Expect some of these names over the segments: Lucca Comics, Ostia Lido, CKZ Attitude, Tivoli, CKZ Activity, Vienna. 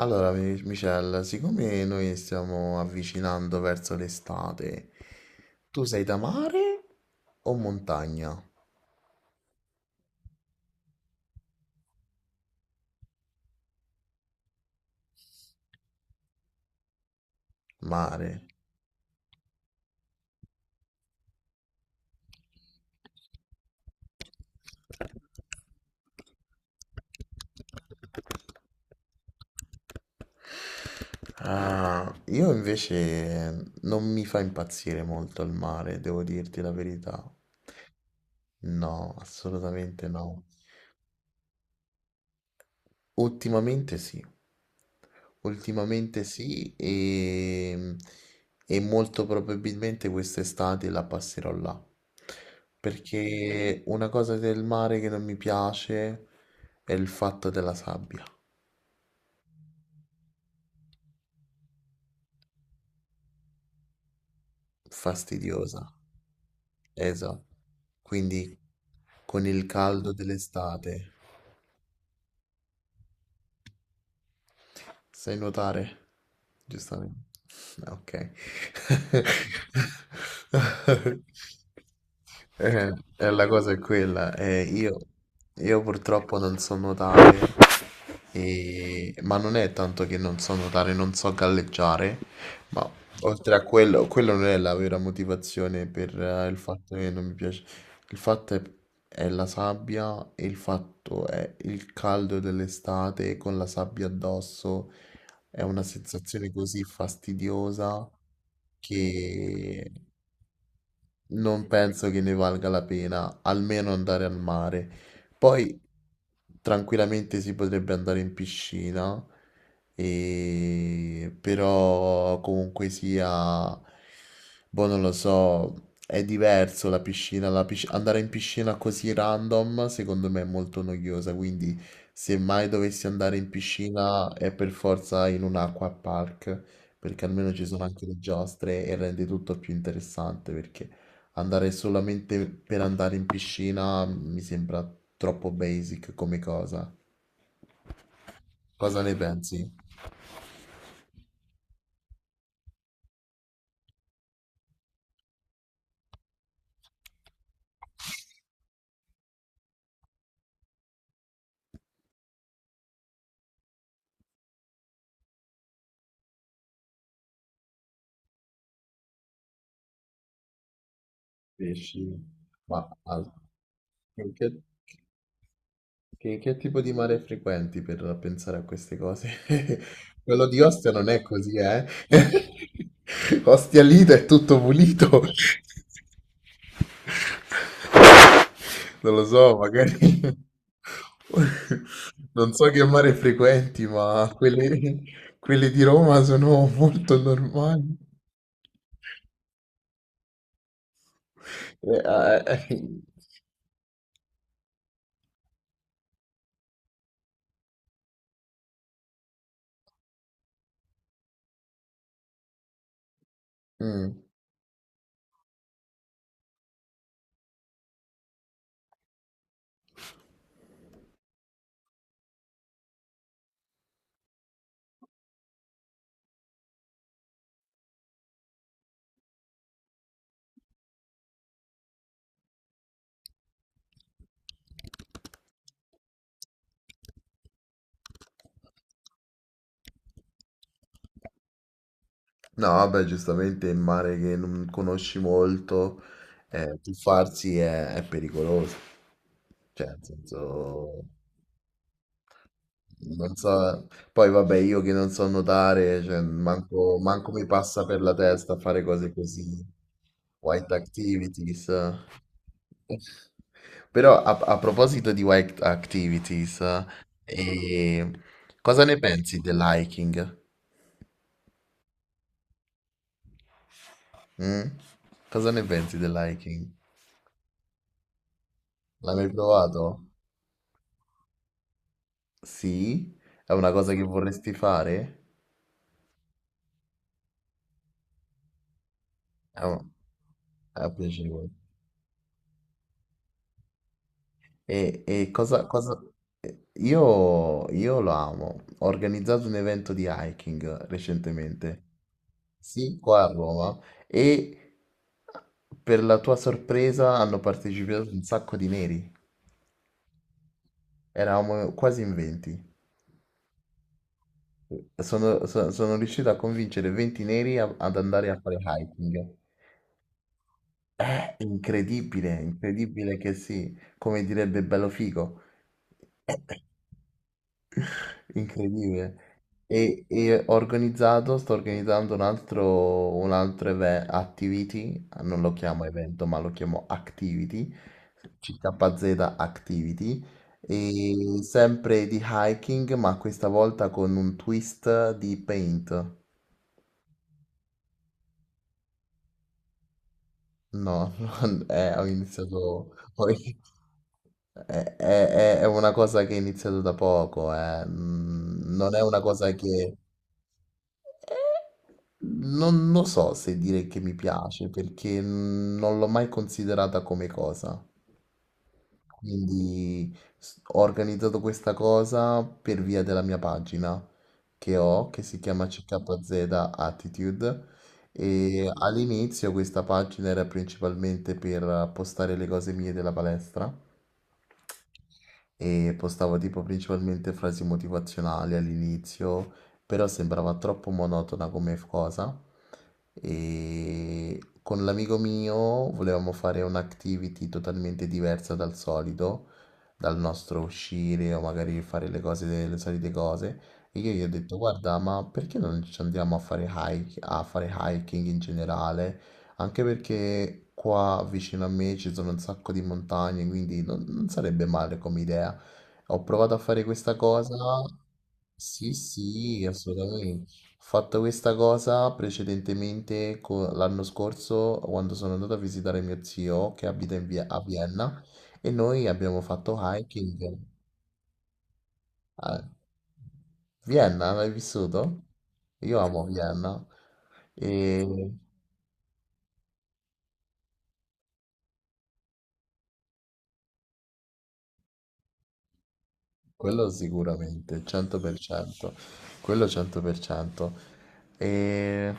Allora, Michelle, siccome noi stiamo avvicinando verso l'estate, tu sei da mare o montagna? Mare. Ah, io invece non mi fa impazzire molto il mare, devo dirti la verità. No, assolutamente no. Ultimamente sì, ultimamente sì e molto probabilmente quest'estate la passerò là. Perché una cosa del mare che non mi piace è il fatto della sabbia, fastidiosa, esatto. Quindi con il caldo dell'estate. Sai nuotare, giustamente. Ah, ok. Eh, la cosa è quella, io purtroppo non so nuotare, ma non è tanto che non so nuotare, non so galleggiare, ma oltre a quello, quello non è la vera motivazione per il fatto che non mi piace. Il fatto è, è la sabbia e il fatto è il caldo dell'estate con la sabbia addosso. È una sensazione così fastidiosa che non penso che ne valga la pena, almeno andare al mare. Poi tranquillamente si potrebbe andare in piscina, però comunque sia, boh, non lo so, è diverso la piscina, andare in piscina così random secondo me è molto noiosa, quindi se mai dovessi andare in piscina è per forza in un acqua park perché almeno ci sono anche le giostre e rende tutto più interessante perché andare solamente per andare in piscina mi sembra troppo basic come cosa. Cosa ne pensi? Pesci. Ma al- in che, che tipo di mare frequenti per pensare a queste cose? Quello di Ostia non è così, eh? Ostia Lido è tutto pulito. Non lo so, magari non so che mare frequenti, quelli di Roma sono molto normali. Eh, eh, eh. Mm. No, vabbè, giustamente il mare che non conosci molto, tuffarsi è pericoloso. Cioè, nel senso... Non so, poi vabbè, io che non so nuotare, cioè, manco mi passa per la testa fare cose così, white activities. Però a proposito di white activities, eh, cosa ne pensi dell'hiking? Mm? Cosa ne pensi dell'hiking? L'hai mai provato? Sì? È una cosa che vorresti fare? È, un- è piacevole. E, e cosa, cosa... io lo amo. Ho organizzato un evento di hiking recentemente. Sì, qua a Roma. E per la tua sorpresa hanno partecipato un sacco di neri. Eravamo quasi in 20. Sono riuscito a convincere 20 neri ad andare a fare hiking. È incredibile, incredibile che sì. Come direbbe Bello Figo. Incredibile. E ho organizzato, sto organizzando un altro, activity, non lo chiamo evento, ma lo chiamo activity, CKZ Activity, e sempre di hiking, ma questa volta con un twist di paint. No, ho iniziato, ho in- è una cosa che è iniziato da poco, non è una cosa che... Non lo so se dire che mi piace perché non l'ho mai considerata come cosa. Quindi ho organizzato questa cosa per via della mia pagina che ho, che si chiama CKZ Attitude. E all'inizio questa pagina era principalmente per postare le cose mie della palestra e postavo tipo principalmente frasi motivazionali all'inizio, però sembrava troppo monotona come cosa. E con l'amico mio volevamo fare un'activity totalmente diversa dal solito, dal nostro uscire o magari fare le cose delle solite cose. E io gli ho detto, guarda, ma perché non ci andiamo a fare hike, a fare hiking in generale? Anche perché qua vicino a me ci sono un sacco di montagne, quindi non sarebbe male come idea. Ho provato a fare questa cosa. Sì, sì, assolutamente. Ho fatto questa cosa precedentemente l'anno scorso quando sono andato a visitare mio zio che abita a Vienna e noi abbiamo fatto hiking. A Vienna, l'hai vissuto? Io amo Vienna. E... Quello sicuramente, 100%, quello 100%. E...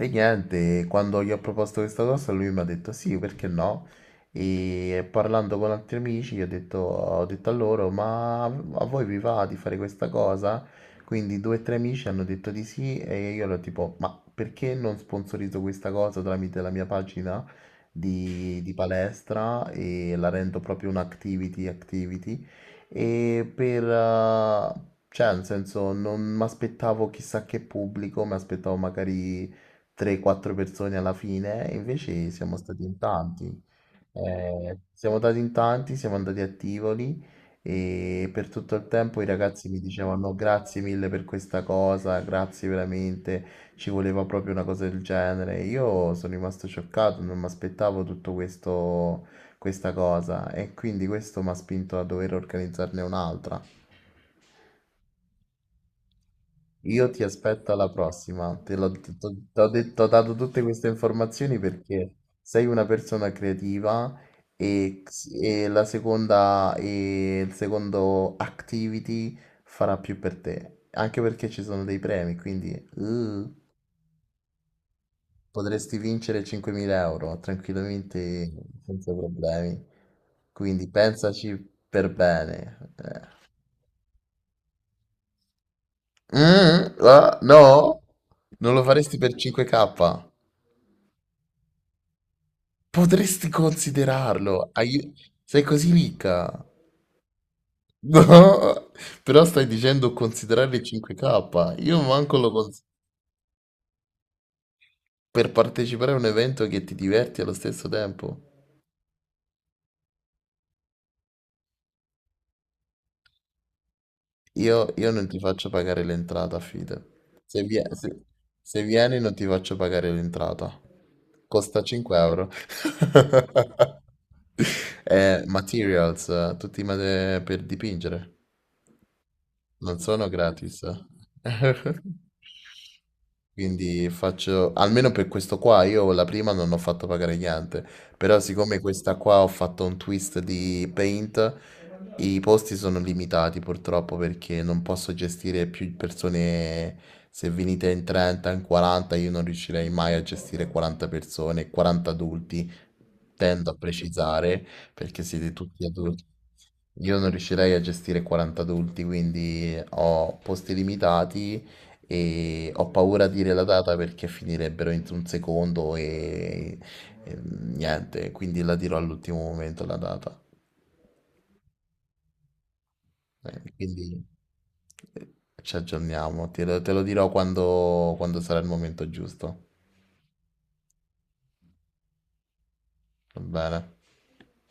e niente, quando gli ho proposto questa cosa lui mi ha detto sì, perché no? E parlando con altri amici gli ho detto a loro, ma a voi vi va di fare questa cosa? Quindi due o tre amici hanno detto di sì e io ero tipo, ma perché non sponsorizzo questa cosa tramite la mia pagina di palestra e la rendo proprio un activity activity? e per... eh, cioè, nel senso, non mi aspettavo chissà che pubblico, mi aspettavo magari 3-4 persone alla fine, e invece siamo stati in tanti. Siamo andati in tanti, siamo andati a Tivoli e per tutto il tempo i ragazzi mi dicevano "No, grazie mille per questa cosa, grazie veramente, ci voleva proprio una cosa del genere. Io sono rimasto scioccato, non mi aspettavo tutto questo, questa cosa e quindi questo mi ha spinto a dover organizzarne un'altra. Io ti aspetto alla prossima. Te l'ho t- t- t'ho detto- t'ho dato tutte queste informazioni perché sei una persona creativa e, e la seconda e il secondo activity farà più per te. Anche perché ci sono dei premi, quindi uh, potresti vincere 5.000 euro tranquillamente senza problemi. Quindi pensaci per bene. No, non lo faresti per 5K. Potresti considerarlo. Sei così ricca. No, però stai dicendo considerare il 5K. Io manco lo cons- per partecipare a un evento che ti diverti allo stesso tempo. Io non ti faccio pagare l'entrata, fide. Se vieni non ti faccio pagare l'entrata. Costa 5 euro. Materials, per dipingere. Non sono gratis. Quindi faccio, almeno per questo qua, io la prima non ho fatto pagare gli ante, però siccome questa qua ho fatto un twist di Paint, i posti sono limitati purtroppo perché non posso gestire più persone, se venite in 30, in 40, io non riuscirei mai a gestire 40 persone, 40 adulti, tendo a precisare perché siete tutti adulti. Io non riuscirei a gestire 40 adulti, quindi ho posti limitati e ho paura a dire la data perché finirebbero entro un secondo e niente, quindi la dirò all'ultimo momento la data. Eh, Quindi eh, ci aggiorniamo, te lo dirò quando sarà il momento giusto. Va bene.